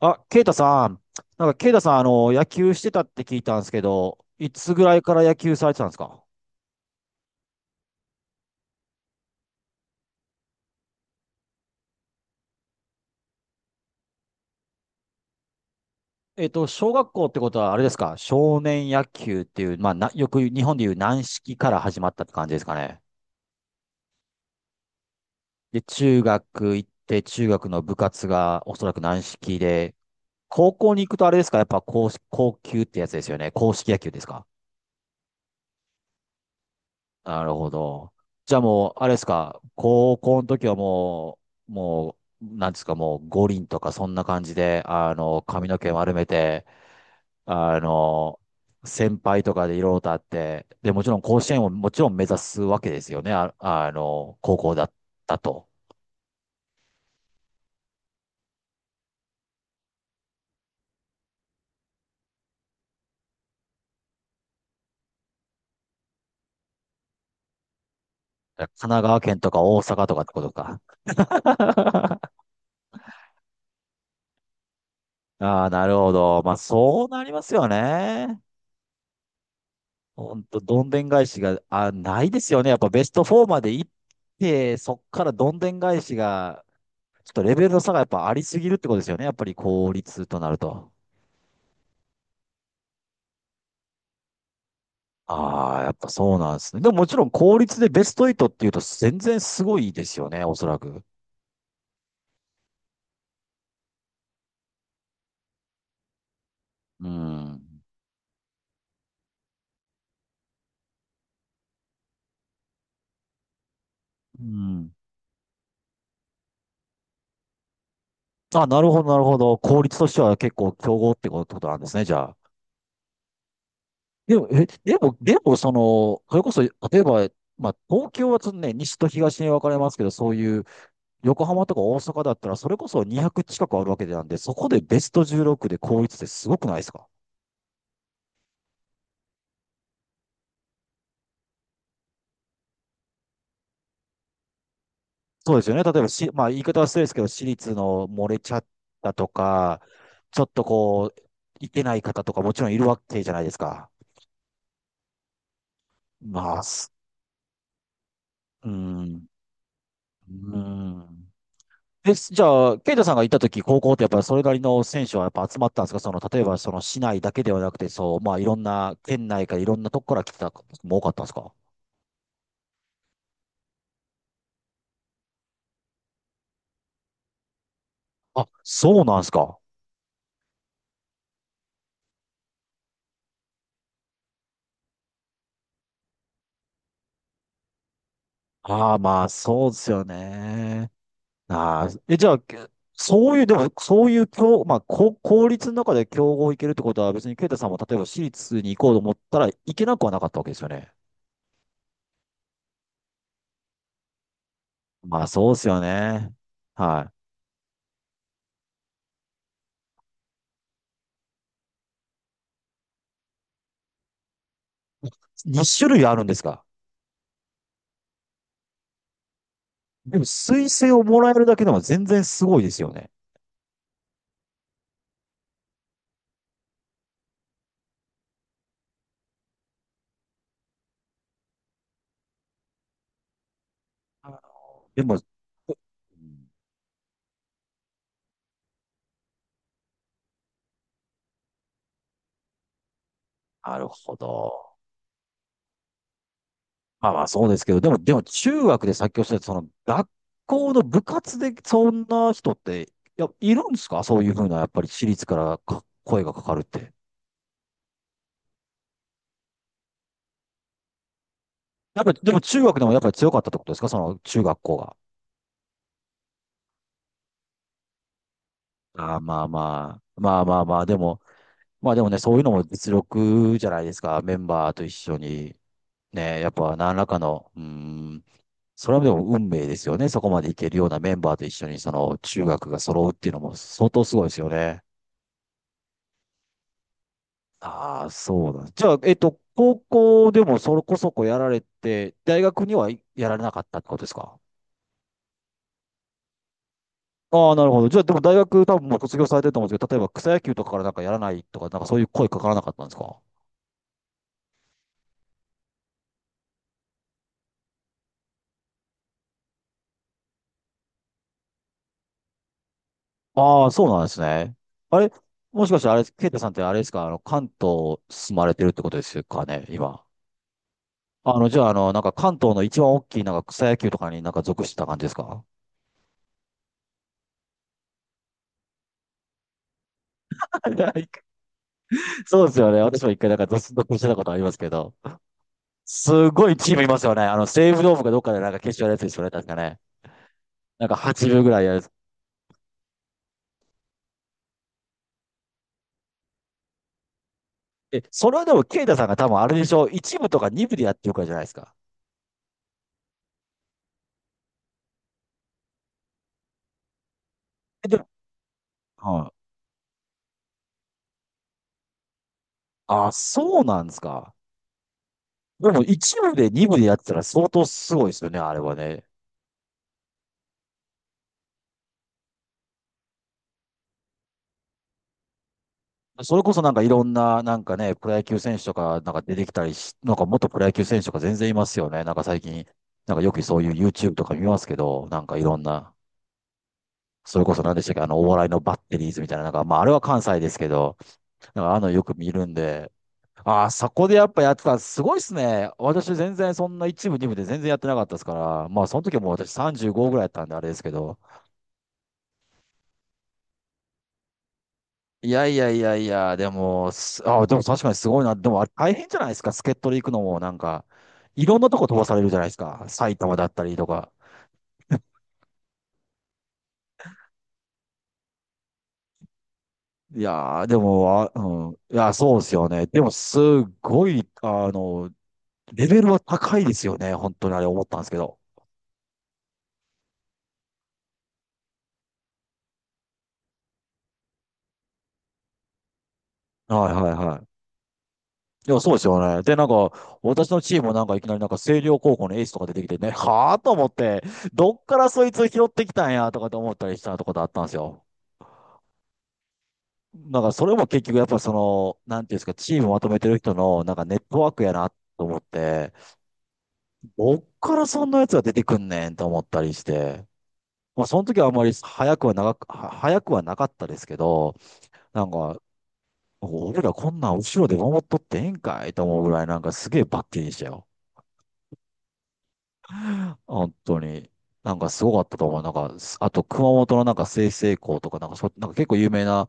あ、ケイタさん。ケイタさん、野球してたって聞いたんですけど、いつぐらいから野球されてたんですか？小学校ってことは、あれですか？少年野球っていう、まあ、よく日本でいう軟式から始まったって感じですかね。で、中学行って、中学の部活がおそらく軟式で、高校に行くとあれですか？やっぱ硬球ってやつですよね。硬式野球ですか？なるほど。じゃあもう、あれですか、高校の時はもう、もう、なんですか、もう五輪とかそんな感じで、髪の毛丸めて、あの、先輩とかでいろいろとあって、で、もちろん甲子園をもちろん目指すわけですよね、高校だったと。神奈川県とか大阪とかってことか。ああ、なるほど。まあ、そうなりますよね。ほんと、どんでん返しが、ないですよね。やっぱベスト4まで行って、そっからどんでん返しが、ちょっとレベルの差がやっぱありすぎるってことですよね。やっぱり効率となると。ああ、やっぱそうなんですね。でも、もちろん効率でベスト8っていうと全然すごいですよね、おそらく。うん。うん。あ、なるほど、なるほど。効率としては結構強豪ってことなんですね、じゃあ。でも、え、でも、でも、その、それこそ、例えば、まあ、東京はちょっとね、西と東に分かれますけど、そういう、横浜とか大阪だったら、それこそ200近くあるわけなんで、そこでベスト16で高一ってすごくないですか？そうですよね。例えばし、まあ、言い方は失礼ですけど、私立の漏れちゃったとか、ちょっとこう、いけない方とかもちろんいるわけじゃないですか。まあ、すうーん、うーん。え、じゃあ、ケイタさんが行った時、高校ってやっぱりそれなりの選手はやっぱ集まったんですか？その、例えばその市内だけではなくて、そう、まあいろんな県内からいろんなとこから来た方も多かったんですか？あ、そうなんですか。ああ、まあ、そうですよね。ああ、え、じゃあ、けそういう、でも、そういう、強、まあ、公立の中で競合行けるってことは、別に、ケイタさんも、例えば、私立に行こうと思ったら、行けなくはなかったわけですよね。まあ、そうですよね。はい。2種類あるんですか？でも、推薦をもらえるだけでも全然すごいですよね。あでも、うんなるほど。まあまあそうですけど、でも、でも中学でさっきおっしゃった、その学校の部活でそんな人って、いるんですか？そういうふうな、やっぱり私立からか声がかかるって。やっぱり、でも中学でもやっぱり強かったってことですか？その中学校が。ああ、まあまあ、まあまあまあ、でも、まあでもね、そういうのも実力じゃないですか。メンバーと一緒に。ね、やっぱ何らかの、それはでも運命ですよね。そこまでいけるようなメンバーと一緒に、その中学が揃うっていうのも相当すごいですよね。ああ、そうだ。じゃあ、高校でもそこそこやられて、大学にはいやられなかったってことですか？ああ、なるほど。じゃあ、でも大学多分もう卒業されてると思うんですけど、例えば草野球とかからなんかやらないとか、なんかそういう声かからなかったんですか？ああ、そうなんですね。あれ、もしかしてあれ、ケイタさんってあれですか、関東住まれてるってことですかね、今。あの、じゃあ、あの、なんか関東の一番大きいなんか草野球とかになんか属してた感じですか？ そうですよね。私も一回属してたことありますけど。すごいチームいますよね。あの、西武ドームかどっかでなんか決勝やるやつですよね、確かね。なんか8部ぐらいやるやつ。え、それはでも、ケイタさんが多分あれでしょ、一部とか二部でやってるからじゃないですか。え、で、うん。あ、そうなんですか。でも、一部で二部でやってたら相当すごいですよね、あれはね。それこそなんかいろんな、なんかね、プロ野球選手とか、なんか出てきたりし、なんか元プロ野球選手とか全然いますよね。なんか最近、なんかよくそういう YouTube とか見ますけど、なんかいろんな、それこそ何でしたっけ、あの、お笑いのバッテリーズみたいな、なんか、まああれは関西ですけど、なんかああいうのよく見るんで、ああ、そこでやっぱやってた、すごいっすね。私全然そんな一部、二部で全然やってなかったですから、まあその時はもう私35ぐらいやったんであれですけど、いやいやいやいや、でも、すああ、でも確かにすごいな。でもあれ大変じゃないですか、助っ人で行くのもなんか、いろんなとこ飛ばされるじゃないですか、埼玉だったりとか。いやー、でも、あ、うん。いや、そうですよね。でも、すっごい、あの、レベルは高いですよね。本当にあれ思ったんですけど。はいはいはい。いや、そうですよね。で、なんか、私のチームもなんかいきなりなんか星稜高校のエースとか出てきてね、はぁと思って、どっからそいつ拾ってきたんやとかって思ったりしたとかだったんですよ。なんからそれも結局やっぱその、なんていうんですか、チームまとめてる人のなんかネットワークやなと思って、どっからそんなやつが出てくんねんと思ったりして、まあその時はあんまり早くはなかったですけど、なんか、俺らこんなん後ろで守っとってええんかいと思うぐらいなんかすげえバッテリーでしたよ。本当に。なんかすごかったと思う。あと熊本のなんか済々黌とか、なんかそ、なんか結構有名な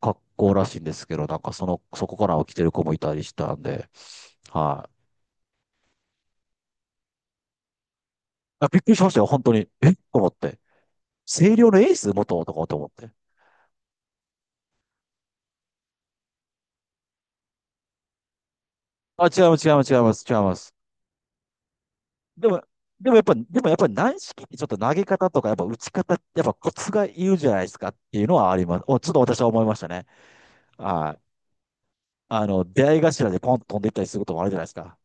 格好らしいんですけど、なんかその、そこから起来てる子もいたりしたんで、はい。あ、びっくりしましたよ、本当に。えと思って。星稜のエース元とかと思って。あ、違います、違います、違います、違います。でも、でもやっぱり軟式ってちょっと投げ方とか、やっぱ打ち方、やっぱコツがいるじゃないですかっていうのはあります。お、ちょっと私は思いましたね。はい。あの、出会い頭でポンと飛んでいったりすることもあるじゃないですか。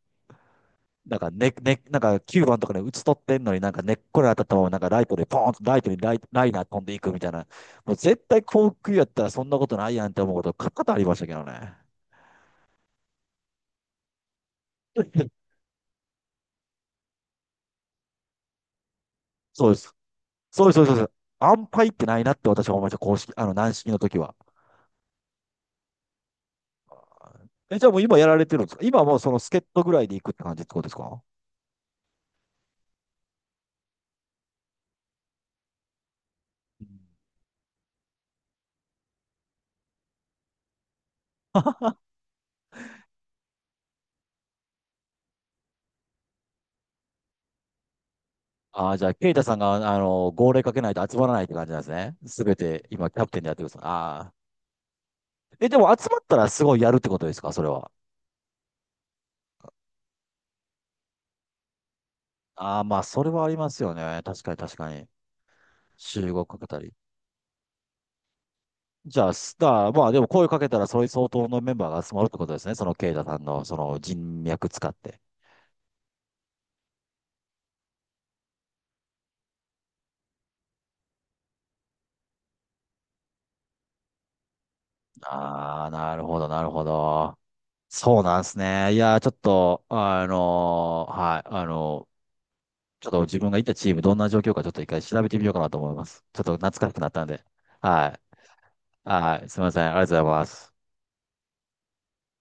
なんかね、ね、なんか9番とかで打ち取ってんのになんか根っこに当たったままなんかライトでポーンとライトにライ、ライナー飛んでいくみたいな。もう絶対幸福やったらそんなことないやんって思うことが多々ありましたけどね。そうです。そうです。安牌ってないなって私は思いました。公式、あの、軟式の時は。え、じゃあもう今やられてるんですか？今はもうその助っ人ぐらいで行くって感じってことですか？うん。ああじゃあ、ケイタさんが、あの、号令かけないと集まらないって感じなんですね。すべて、今、キャプテンでやってるんです。ああ。え、でも集まったらすごいやるってことですか？それは。ああ、まあ、それはありますよね。確かに確かに。集合かけたり。じゃあ、スター、まあでも声かけたら、それ相当のメンバーが集まるってことですね。その、ケイタさんの、その人脈使って。ああ、なるほど、なるほど。そうなんですね。いやー、ちょっと、ちょっと自分がいたチーム、どんな状況か、ちょっと一回調べてみようかなと思います。ちょっと懐かしくなったんで。はい、はい、すみません。ありがとうございます。